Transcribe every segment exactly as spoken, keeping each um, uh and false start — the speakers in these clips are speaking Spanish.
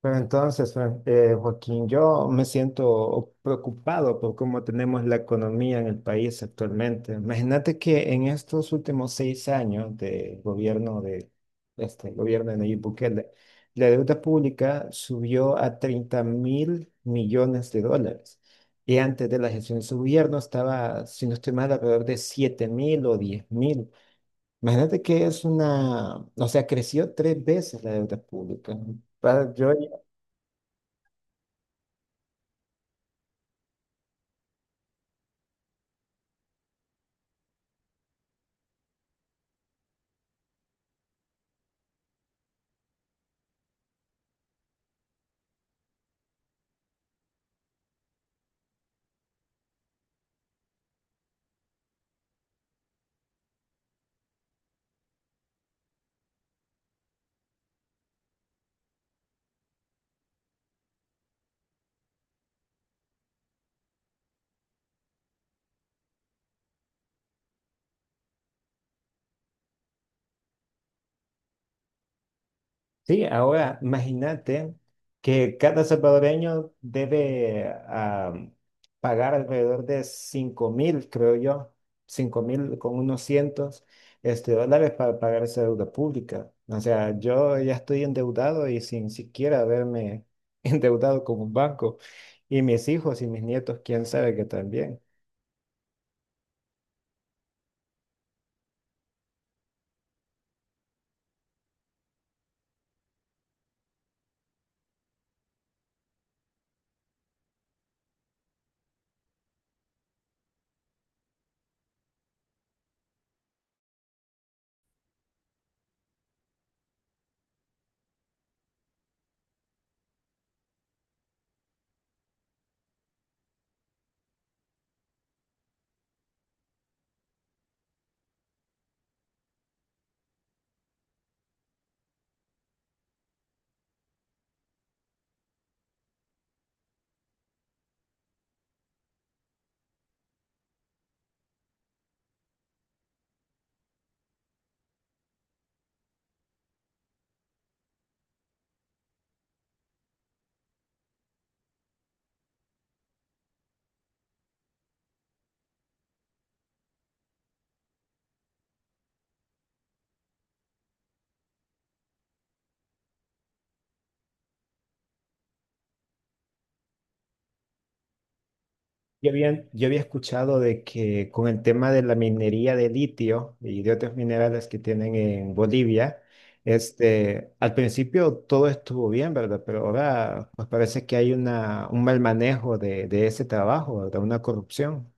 Pero entonces, Fran- eh, Joaquín, yo me siento preocupado por cómo tenemos la economía en el país actualmente. Imagínate que en estos últimos seis años de gobierno de este gobierno de Nayib Bukele, la deuda pública subió a treinta mil millones de dólares. Y antes de la gestión de su gobierno estaba, si no estoy mal, alrededor de siete mil o diez mil. Imagínate que es una, o sea, creció tres veces la deuda pública. Pa- Yo Sí, ahora imagínate que cada salvadoreño debe ah, pagar alrededor de cinco mil, creo yo, cinco mil con unos cientos este, dólares para pagar esa deuda pública. O sea, yo ya estoy endeudado y sin siquiera haberme endeudado con un banco. Y mis hijos y mis nietos, quién sabe que también. Yo había, yo había escuchado de que con el tema de la minería de litio y de otros minerales que tienen en Bolivia, este, al principio todo estuvo bien, ¿verdad? Pero ahora pues parece que hay una, un mal manejo de, de ese trabajo, ¿verdad? Una corrupción.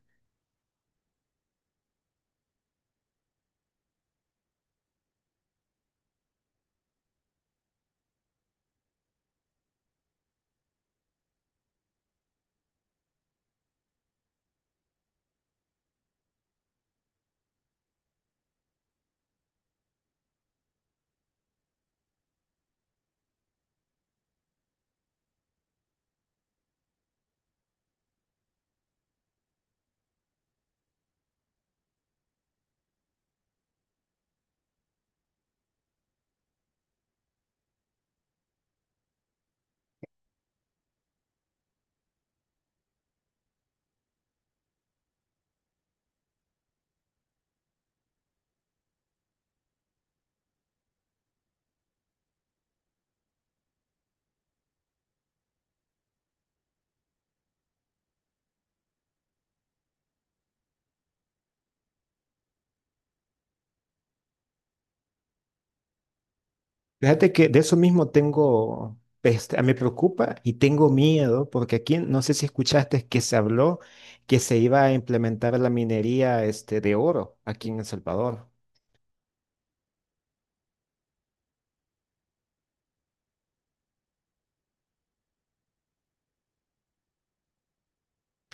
Fíjate que de eso mismo tengo, este, me preocupa y tengo miedo, porque aquí no sé si escuchaste que se habló que se iba a implementar la minería, este, de oro aquí en El Salvador.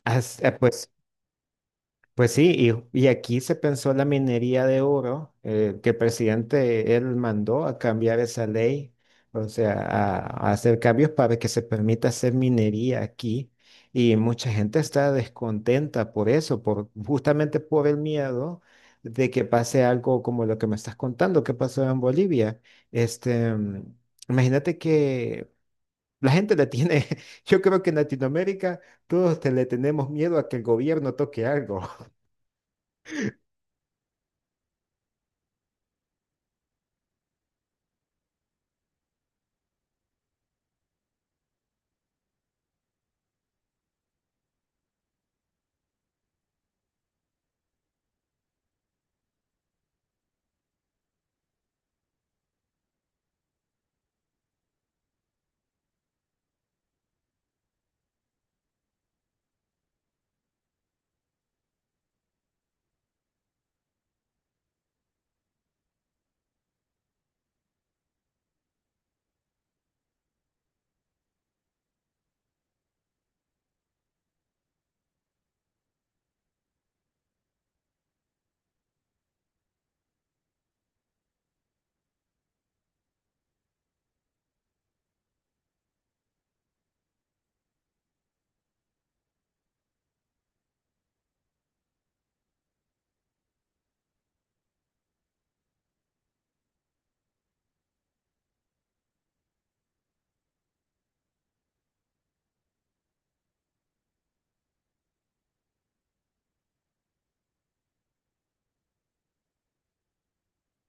As- eh, Pues Pues sí, y, y aquí se pensó la minería de oro, eh, que el presidente él mandó a cambiar esa ley, o sea, a, a hacer cambios para que se permita hacer minería aquí. Y mucha gente está descontenta por eso, por, justamente por el miedo de que pase algo como lo que me estás contando, que pasó en Bolivia. Este, mm, imagínate que la gente le tiene, yo creo que en Latinoamérica todos te- le tenemos miedo a que el gobierno toque algo.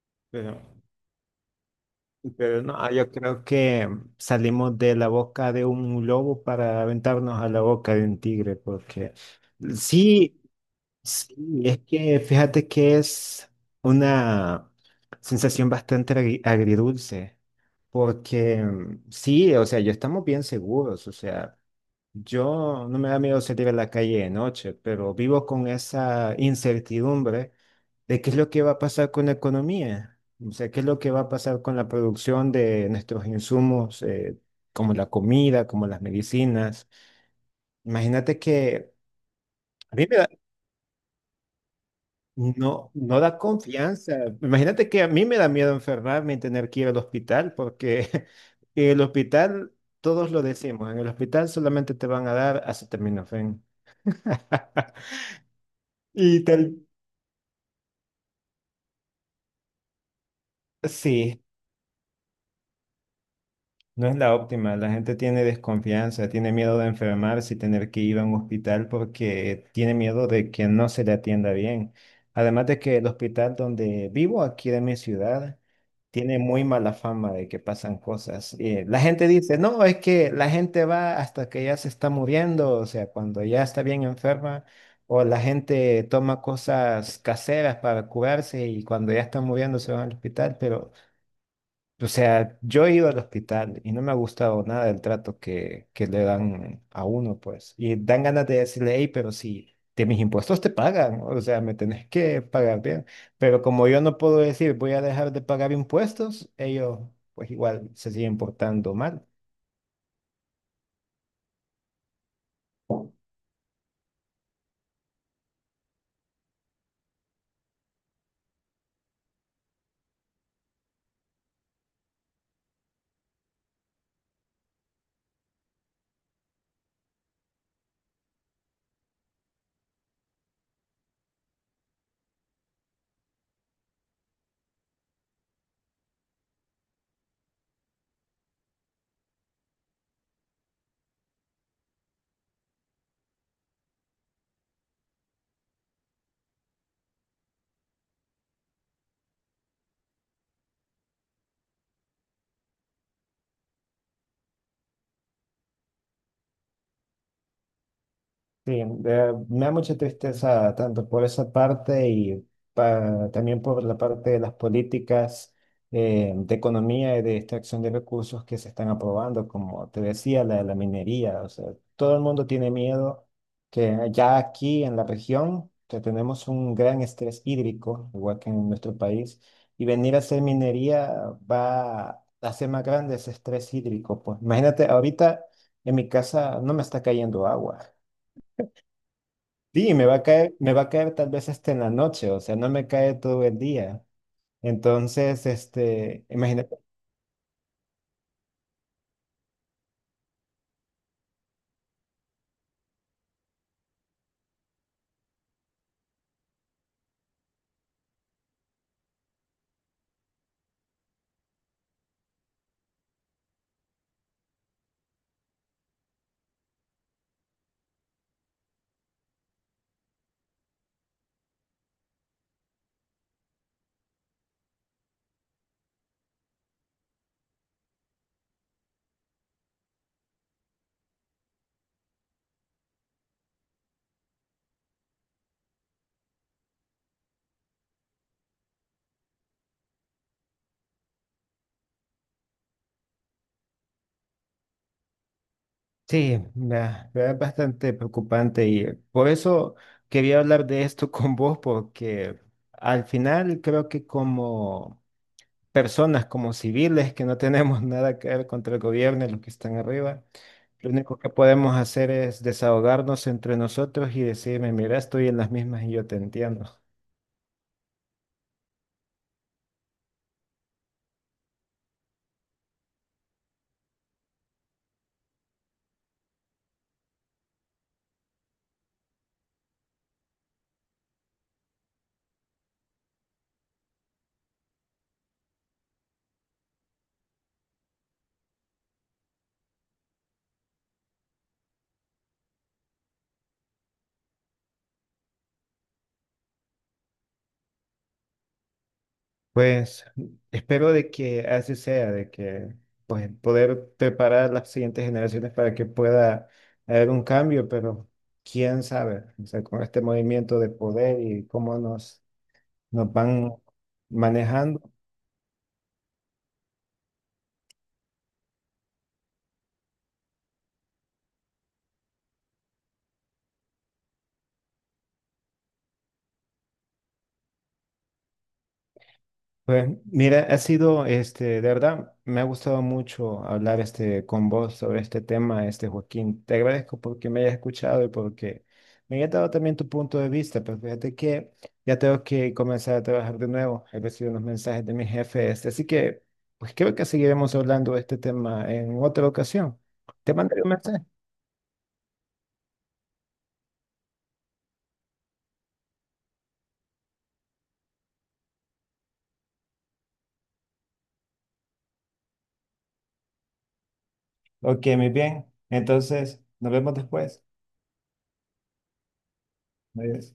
Pero Pero no, yo creo que salimos de la boca de un lobo para aventarnos a la boca de un tigre, porque sí, sí, es que fíjate que es una sensación bastante agri- agridulce, porque mm, sí, o sea, yo estamos bien seguros, o sea, yo no me da miedo salir a la calle de noche, pero vivo con esa incertidumbre de qué es lo que va a pasar con la economía, o sea, qué es lo que va a pasar con la producción de nuestros insumos, eh, como la comida, como las medicinas. Imagínate que a mí me da, no, no da confianza. Imagínate que a mí me da miedo enfermarme y tener que ir al hospital, porque el hospital, todos lo decimos, en el hospital solamente te van a dar acetaminofén. Y tal, sí. No es la óptima, la gente tiene desconfianza, tiene miedo de enfermarse y tener que ir a un hospital porque tiene miedo de que no se le atienda bien. Además de que el hospital donde vivo, aquí de mi ciudad, tiene muy mala fama de que pasan cosas. Eh, la gente dice, no, es que la gente va hasta que ya se está muriendo, o sea, cuando ya está bien enferma, o la gente toma cosas caseras para curarse y cuando ya está muriendo se va al hospital, pero... O sea, yo he ido al hospital y no me ha gustado nada el trato que, que le dan a uno, pues. Y dan ganas de decirle, hey, pero si de mis impuestos te pagan, o sea, me tenés que pagar bien. Pero como yo no puedo decir, voy a dejar de pagar impuestos, ellos pues igual se siguen portando mal. Sí, eh, me da mucha tristeza tanto por esa parte y pa- también por la parte de las políticas eh, de economía y de extracción de recursos que se están aprobando, como te decía, la de la minería. O sea, todo el mundo tiene miedo que ya aquí en la región que tenemos un gran estrés hídrico, igual que en nuestro país, y venir a hacer minería va a hacer más grande ese estrés hídrico. Pues imagínate, ahorita en mi casa no me está cayendo agua. Sí, me va a caer, me va a caer tal vez este en la noche, o sea, no me cae todo el día. Entonces, este, imagínate, sí, me me es bastante preocupante y por eso quería hablar de esto con vos, porque al final creo que como personas, como civiles que no tenemos nada que ver contra el gobierno y los que están arriba, lo único que podemos hacer es desahogarnos entre nosotros y decirme, mira, estoy en las mismas y yo te entiendo. Pues espero de que así sea, de que pues poder preparar las siguientes generaciones para que pueda haber un cambio, pero quién sabe, o sea, con este movimiento de poder y cómo nos, nos, van manejando. Pues mira, ha sido, este, de verdad, me ha gustado mucho hablar este, con vos sobre este tema, este Joaquín. Te agradezco porque me hayas escuchado y porque me hayas dado también tu punto de vista, pero fíjate que ya tengo que comenzar a trabajar de nuevo. He recibido unos mensajes de mi jefe, este, así que pues creo que seguiremos hablando de este tema en otra ocasión. ¿Te mandaré un mensaje? Ok, muy bien. Entonces, nos vemos después. Adiós.